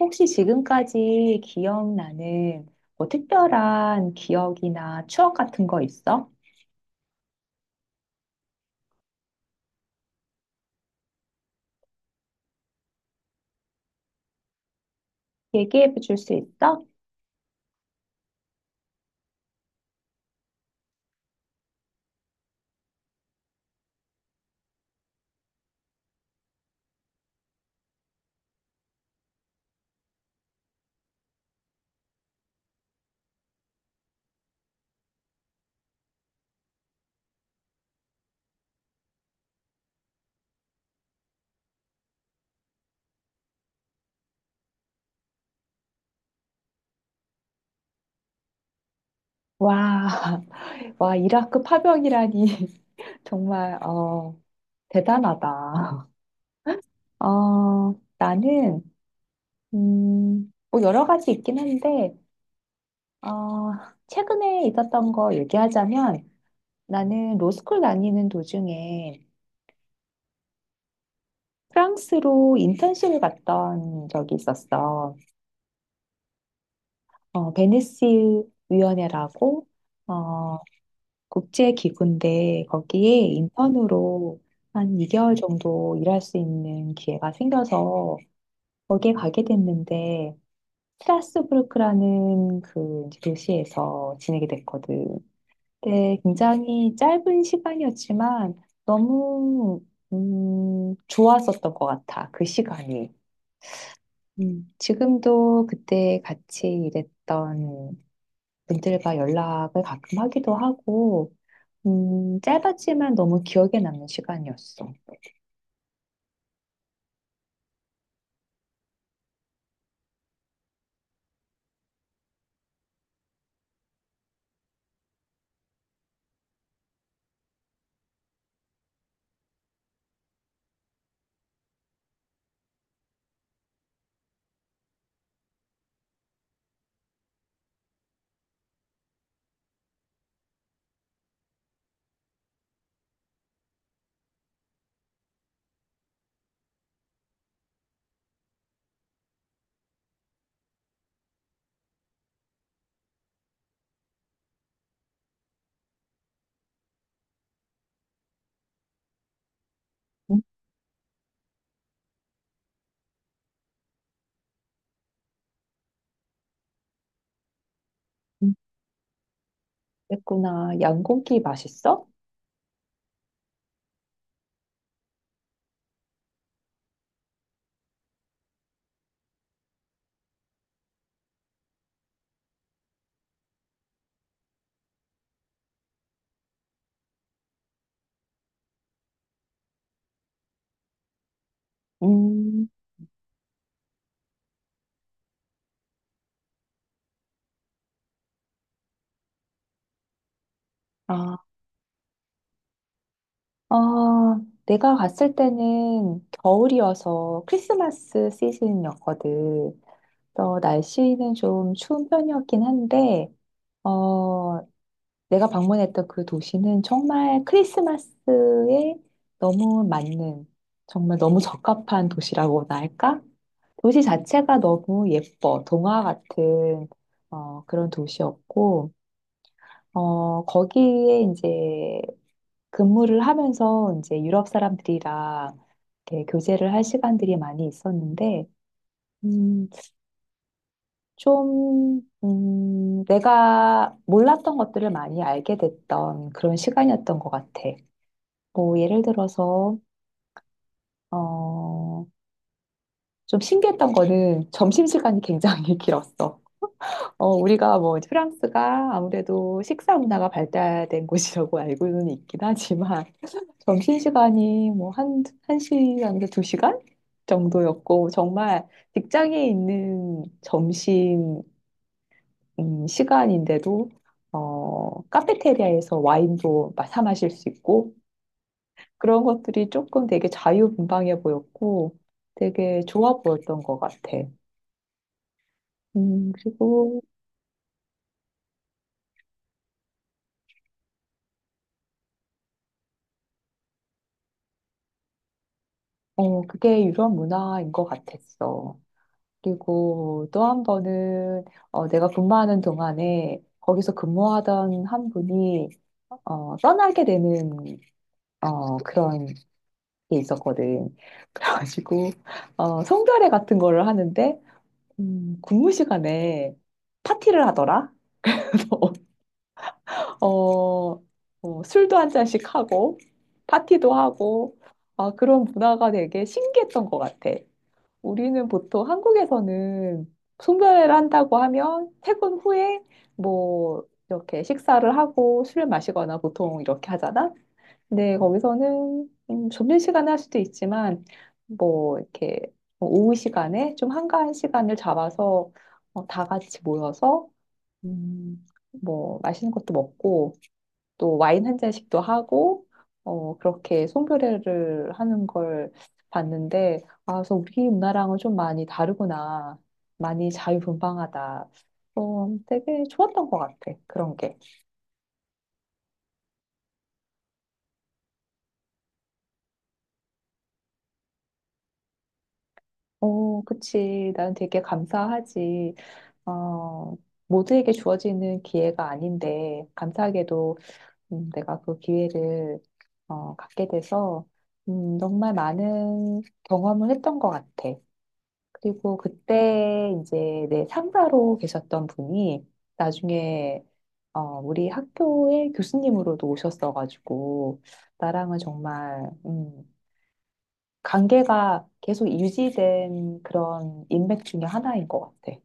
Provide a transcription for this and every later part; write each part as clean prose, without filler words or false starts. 혹시 지금까지 기억나는 뭐 특별한 기억이나 추억 같은 거 있어? 얘기해 줄 수 있어? 와, 와, 이라크 파병이라니. 정말, 대단하다. 나는, 뭐 여러 가지 있긴 한데, 어, 최근에 있었던 거 얘기하자면, 나는 로스쿨 다니는 도중에 프랑스로 인턴십을 갔던 적이 있었어. 베니스 위원회라고 어, 국제 기구인데 거기에 인턴으로 한 2개월 정도 일할 수 있는 기회가 생겨서 거기에 가게 됐는데 스트라스부르크라는 그 이제 도시에서 지내게 됐거든. 근데 굉장히 짧은 시간이었지만 너무 좋았었던 것 같아. 그 시간이. 지금도 그때 같이 일했던 그들과 연락을 가끔 하기도 하고, 짧았지만 너무 기억에 남는 시간이었어. 음, 음, 그랬구나. 양고기 맛있어? 음, 아, 아, 내가 갔을 때는 겨울이어서 크리스마스 시즌이었거든. 그래서 날씨는 좀 추운 편이었긴 한데, 어, 내가 방문했던 그 도시는 정말 크리스마스에 너무 맞는, 정말 너무 적합한 도시라고나 할까? 도시 자체가 너무 예뻐. 동화 같은 그런 도시였고, 거기에 이제 근무를 하면서 이제 유럽 사람들이랑 이렇게 교제를 할 시간들이 많이 있었는데, 음, 좀, 내가 몰랐던 것들을 많이 알게 됐던 그런 시간이었던 것 같아. 뭐, 예를 들어서, 어, 좀 신기했던 거는 점심시간이 굉장히 길었어. 우리가 뭐 이제 프랑스가 아무래도 식사 문화가 발달된 곳이라고 알고는 있긴 하지만 점심시간이 뭐 한 시간에서 2시간 정도였고 정말 직장에 있는 점심 시간인데도 카페테리아에서 와인도 사 마실 수 있고 그런 것들이 조금 되게 자유분방해 보였고 되게 좋아 보였던 것 같아. 그리고 그게 유럽 문화인 것 같았어. 그리고 또 한 번은 내가 근무하는 동안에 거기서 근무하던 한 분이 떠나게 되는 그런 게 있었거든. 그래가지고 송별회 같은 거를 하는데 근무 시간에 파티를 하더라. 어, 술도 한 잔씩 하고 파티도 하고 아, 그런 문화가 되게 신기했던 것 같아. 우리는 보통 한국에서는 송별회를 한다고 하면 퇴근 후에 뭐 이렇게 식사를 하고 술을 마시거나 보통 이렇게 하잖아. 근데 거기서는 점심시간에 할 수도 있지만 뭐 이렇게 뭐 오후 시간에 좀 한가한 시간을 잡아서 다 같이 모여서 음, 뭐 맛있는 것도 먹고 또 와인 한 잔씩도 하고 그렇게 송별회를 하는 걸 봤는데 아, 그래서 우리 문화랑은 좀 많이 다르구나. 많이 자유분방하다. 되게 좋았던 것 같아. 그런 게어 그치. 난 되게 감사하지. 어 모두에게 주어지는 기회가 아닌데 감사하게도 내가 그 기회를 갖게 돼서 정말 많은 경험을 했던 것 같아. 그리고 그때 이제 내 상사로 계셨던 분이 나중에 우리 학교의 교수님으로도 오셨어가지고 나랑은 정말 관계가 계속 유지된 그런 인맥 중에 하나인 것 같아.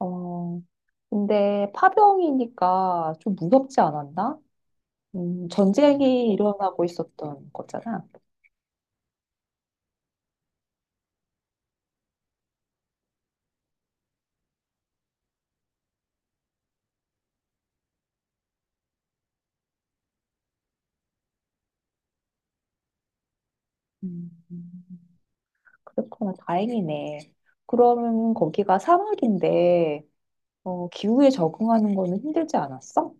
어, 근데 파병이니까 좀 무섭지 않았나? 전쟁이 일어나고 있었던 거잖아. 음, 그렇구나. 다행이네. 그러면 거기가 사막인데 기후에 적응하는 거는 힘들지 않았어?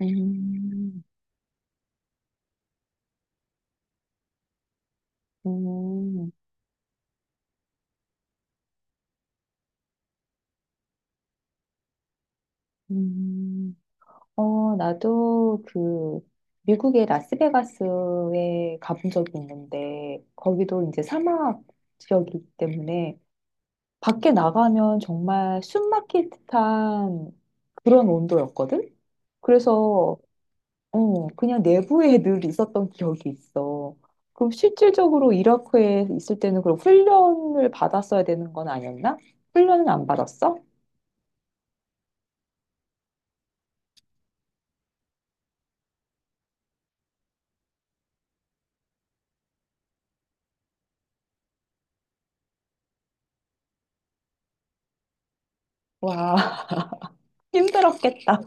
음, 음, 음, 나도 그 미국의 라스베가스에 가본 적이 있는데 거기도 이제 사막 지역이기 때문에 밖에 나가면 정말 숨 막힐 듯한 그런 온도였거든? 그래서 그냥 내부에 늘 있었던 기억이 있어. 그럼 실질적으로 이라크에 있을 때는 그럼 훈련을 받았어야 되는 건 아니었나? 훈련은 안 받았어? 와, 힘들었겠다.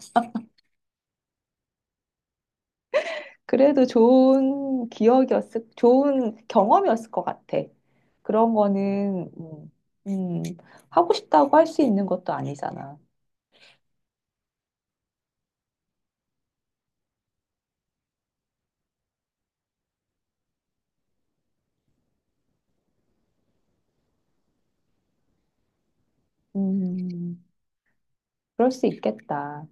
그래도 좋은 기억이었을, 좋은 경험이었을 것 같아. 그런 거는, 음, 하고 싶다고 할 수 있는 것도 아니잖아. 음, 그럴 수 있겠다.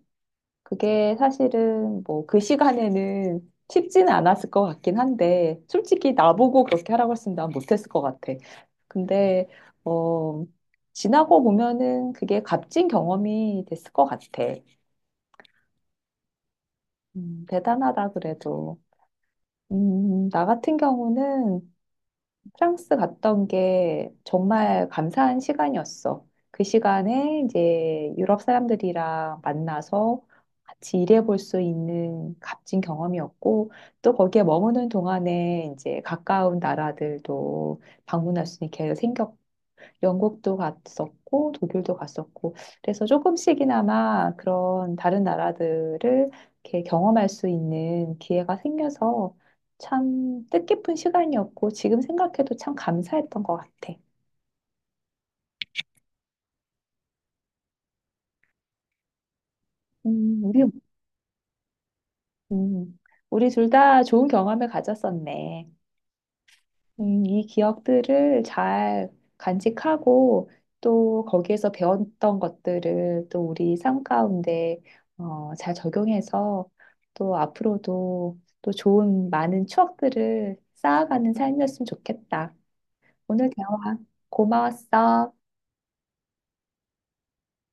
그게 사실은 뭐 그 시간에는 쉽지는 않았을 것 같긴 한데, 솔직히 나보고 그렇게 하라고 했으면 난 못했을 것 같아. 근데, 어, 지나고 보면은 그게 값진 경험이 됐을 것 같아. 대단하다 그래도. 나 같은 경우는 프랑스 갔던 게 정말 감사한 시간이었어. 그 시간에 이제 유럽 사람들이랑 만나서 같이 일해볼 수 있는 값진 경험이었고, 또 거기에 머무는 동안에 이제 가까운 나라들도 방문할 수 있는 기회 생겼고, 영국도 갔었고 독일도 갔었고 그래서 조금씩이나마 그런 다른 나라들을 이렇게 경험할 수 있는 기회가 생겨서 참 뜻깊은 시간이었고 지금 생각해도 참 감사했던 것 같아. 음, 우리 음, 우리 둘 다 좋은 경험을 가졌었네. 이 기억들을 잘 간직하고 또 거기에서 배웠던 것들을 또 우리 삶 가운데 잘 적용해서 또 앞으로도 또 좋은 많은 추억들을 쌓아가는 삶이었으면 좋겠다. 오늘 대화 고마웠어.